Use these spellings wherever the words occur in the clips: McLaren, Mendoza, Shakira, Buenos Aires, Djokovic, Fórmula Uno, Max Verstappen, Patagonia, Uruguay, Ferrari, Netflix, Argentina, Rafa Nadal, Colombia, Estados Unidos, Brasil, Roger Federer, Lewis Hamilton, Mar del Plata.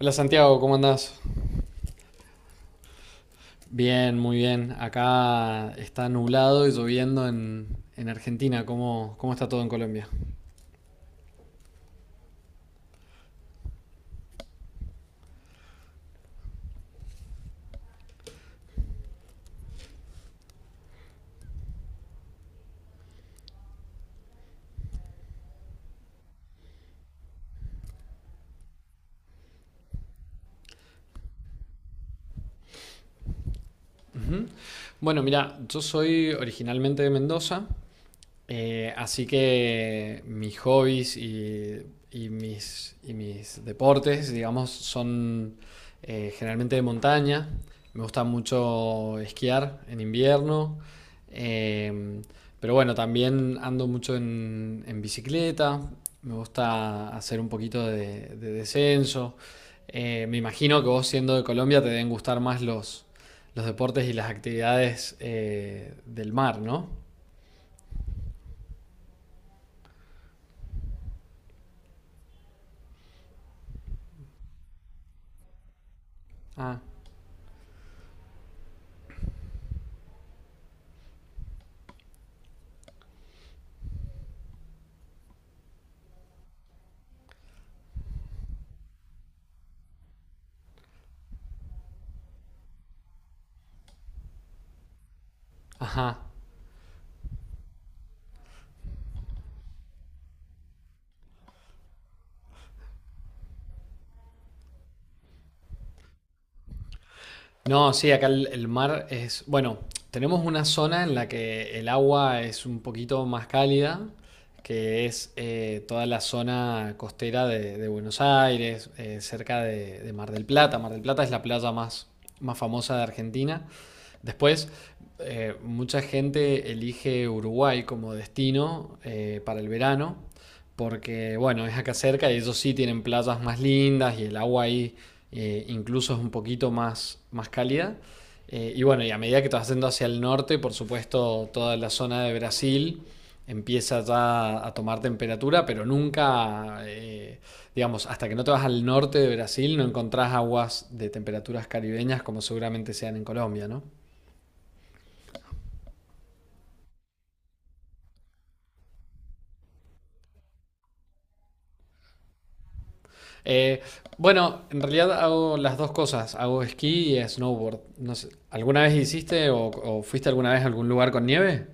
Hola Santiago, ¿cómo andás? Bien, muy bien. Acá está nublado y lloviendo en Argentina. ¿Cómo está todo en Colombia? Bueno, mira, yo soy originalmente de Mendoza, así que mis hobbies y mis deportes, digamos, son generalmente de montaña. Me gusta mucho esquiar en invierno, eh, pero bueno, también ando mucho en bicicleta, me gusta hacer un poquito de descenso. Me imagino que vos siendo de Colombia te deben gustar más los deportes y las actividades del mar, ¿no? Ah, ajá. No, sí, acá el mar es, bueno, tenemos una zona en la que el agua es un poquito más cálida, que es toda la zona costera de Buenos Aires, cerca de Mar del Plata. Mar del Plata es la playa más famosa de Argentina. Después, mucha gente elige Uruguay como destino para el verano, porque bueno, es acá cerca y ellos sí tienen playas más lindas y el agua ahí incluso es un poquito más cálida. Y bueno, y a medida que te vas yendo hacia el norte, por supuesto, toda la zona de Brasil empieza ya a tomar temperatura, pero nunca, digamos, hasta que no te vas al norte de Brasil, no encontrás aguas de temperaturas caribeñas como seguramente sean en Colombia, ¿no? Eh, bueno, en realidad hago las dos cosas, hago esquí y snowboard. No sé, ¿alguna vez hiciste o fuiste alguna vez a algún lugar con nieve?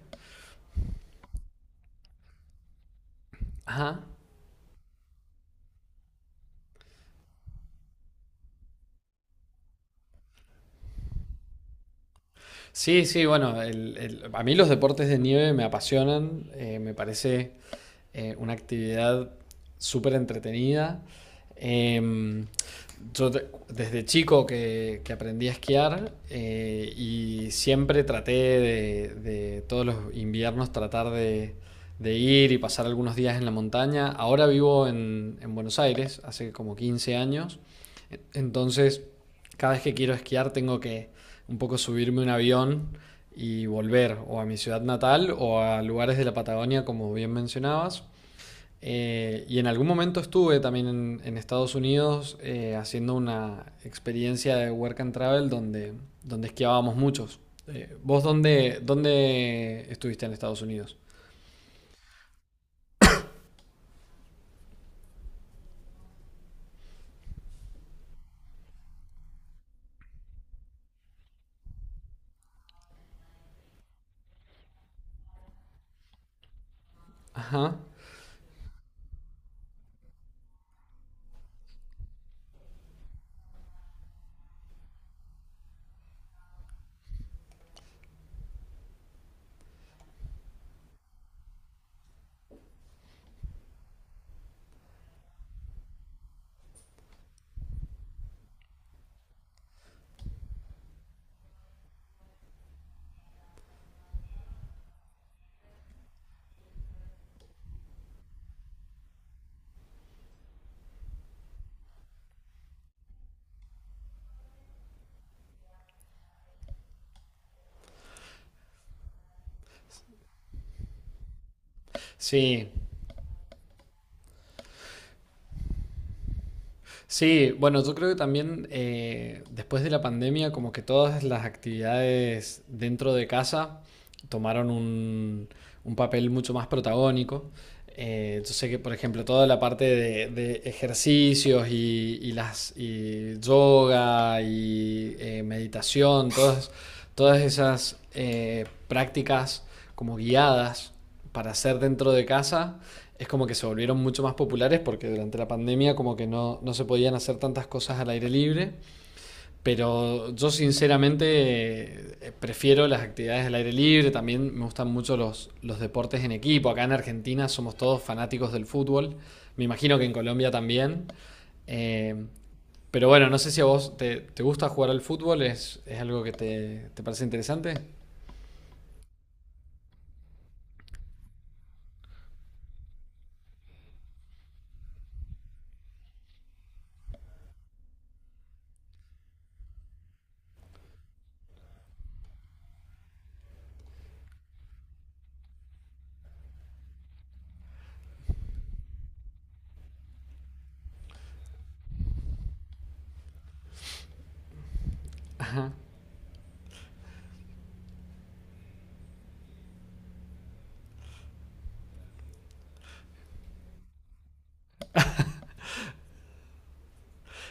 Ajá. Sí, sí, bueno, a mí los deportes de nieve me apasionan, me parece una actividad súper entretenida. Em, yo desde chico que aprendí a esquiar y siempre traté de todos los inviernos tratar de ir y pasar algunos días en la montaña. Ahora vivo en Buenos Aires, hace como 15 años, entonces cada vez que quiero esquiar tengo que un poco subirme un avión y volver o a mi ciudad natal o a lugares de la Patagonia, como bien mencionabas. Y en algún momento estuve también en Estados Unidos haciendo una experiencia de work and travel donde esquiábamos muchos. ¿Vos dónde estuviste en Estados Unidos? Ajá. Sí, sí, bueno, yo creo que también después de la pandemia, como que todas las actividades dentro de casa tomaron un papel mucho más protagónico. Yo sé que, por ejemplo, toda la parte de ejercicios y las y yoga y meditación, todas esas prácticas como guiadas para hacer dentro de casa, es como que se volvieron mucho más populares porque durante la pandemia como que no se podían hacer tantas cosas al aire libre, pero yo sinceramente prefiero las actividades al aire libre, también me gustan mucho los deportes en equipo, acá en Argentina somos todos fanáticos del fútbol, me imagino que en Colombia también. Eh, pero bueno, no sé si a vos te gusta jugar al fútbol, es algo que te parece interesante.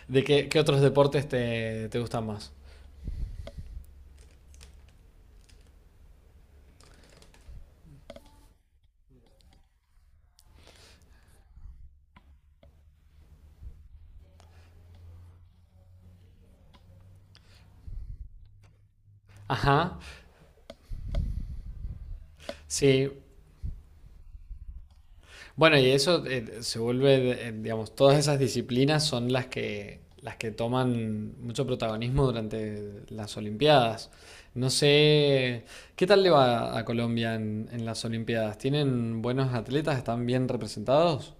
¿De qué, otros deportes te gustan más? Ajá, sí, bueno, y eso se vuelve, digamos, todas esas disciplinas son las que toman mucho protagonismo durante las Olimpiadas. No sé, ¿qué tal le va a Colombia en las Olimpiadas? ¿Tienen buenos atletas? ¿Están bien representados?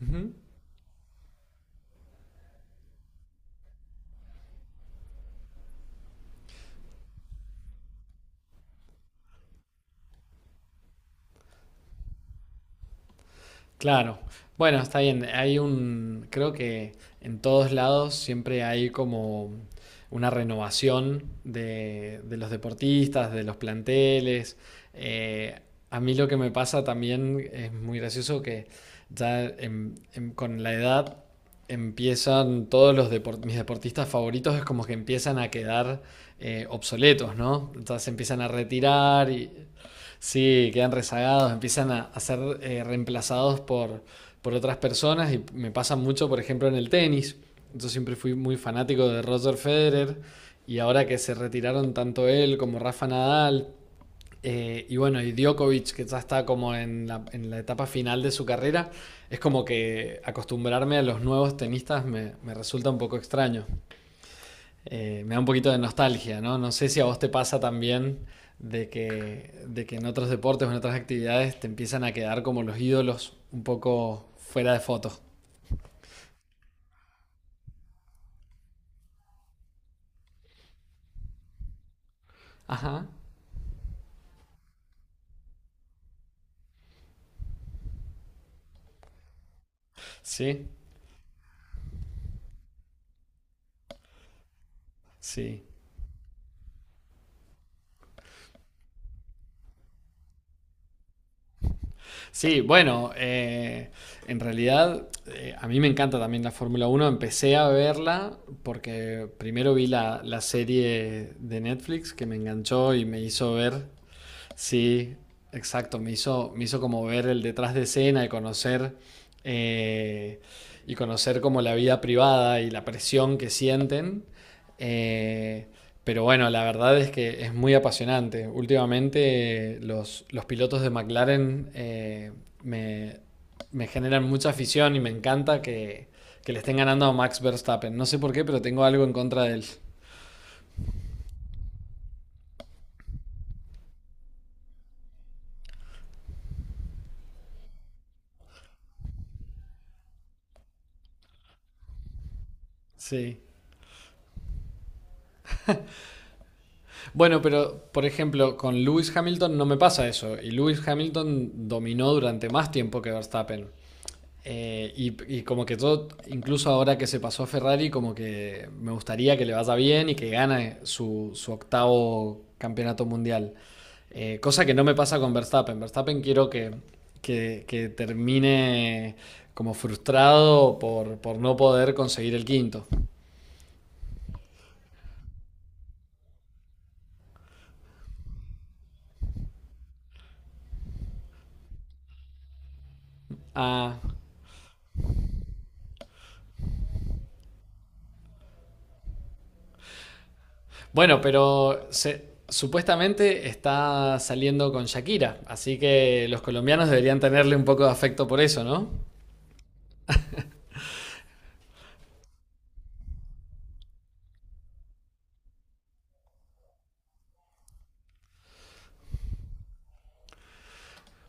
Ujú. Claro. Bueno, está bien. Hay creo que en todos lados siempre hay como una renovación de los deportistas, de los planteles. Eh, a mí lo que me pasa también es muy gracioso que ya con la edad empiezan todos los mis deportistas favoritos es como que empiezan a quedar obsoletos, ¿no? Entonces se empiezan a retirar y, sí, quedan rezagados, empiezan a ser reemplazados por otras personas y me pasa mucho, por ejemplo, en el tenis. Yo siempre fui muy fanático de Roger Federer y ahora que se retiraron tanto él como Rafa Nadal y bueno, y Djokovic, que ya está como en la, etapa final de su carrera, es como que acostumbrarme a los nuevos tenistas me resulta un poco extraño me da un poquito de nostalgia, ¿no? No sé si a vos te pasa también de que en otros deportes o en otras actividades te empiezan a quedar como los ídolos un poco fuera de fotos. Ajá. Sí, sí. Sí, bueno, en realidad a mí me encanta también la Fórmula 1. Empecé a verla porque primero vi la serie de Netflix que me enganchó y me hizo ver. Sí, exacto. Me hizo como ver el detrás de escena y conocer, eh, y conocer como la vida privada y la presión que sienten. Eh, pero bueno, la verdad es que es muy apasionante. Últimamente los pilotos de McLaren me, me generan mucha afición y me encanta que le estén ganando a Max Verstappen. No sé por qué, pero tengo algo en contra de él. Sí. Bueno, pero por ejemplo, con Lewis Hamilton no me pasa eso. Y Lewis Hamilton dominó durante más tiempo que Verstappen. Y como que todo, incluso ahora que se pasó a Ferrari, como que me gustaría que le vaya bien y que gane su octavo campeonato mundial. Cosa que no me pasa con Verstappen. Verstappen quiero que, que termine como frustrado por no poder conseguir el quinto. Ah, bueno, pero supuestamente está saliendo con Shakira, así que los colombianos deberían tenerle un poco de afecto por eso, ¿no?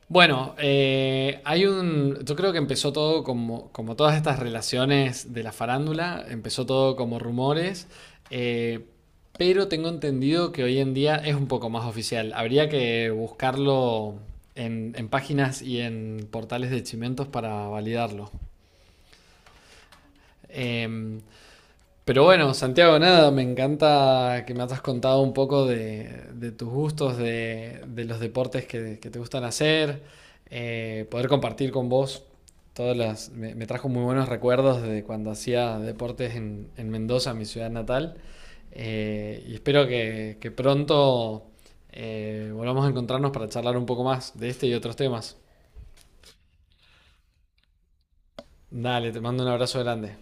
Bueno, hay un. yo creo que empezó todo como, todas estas relaciones de la farándula, empezó todo como rumores, eh, pero tengo entendido que hoy en día es un poco más oficial. Habría que buscarlo en páginas y en portales de chimentos para validarlo. Em, Pero bueno, Santiago, nada, me encanta que me has contado un poco de tus gustos, de los deportes que te gustan hacer, poder compartir con vos. Me trajo muy buenos recuerdos de cuando hacía deportes en Mendoza, mi ciudad natal. Y espero que pronto volvamos a encontrarnos para charlar un poco más de este y otros temas. Dale, te mando un abrazo grande.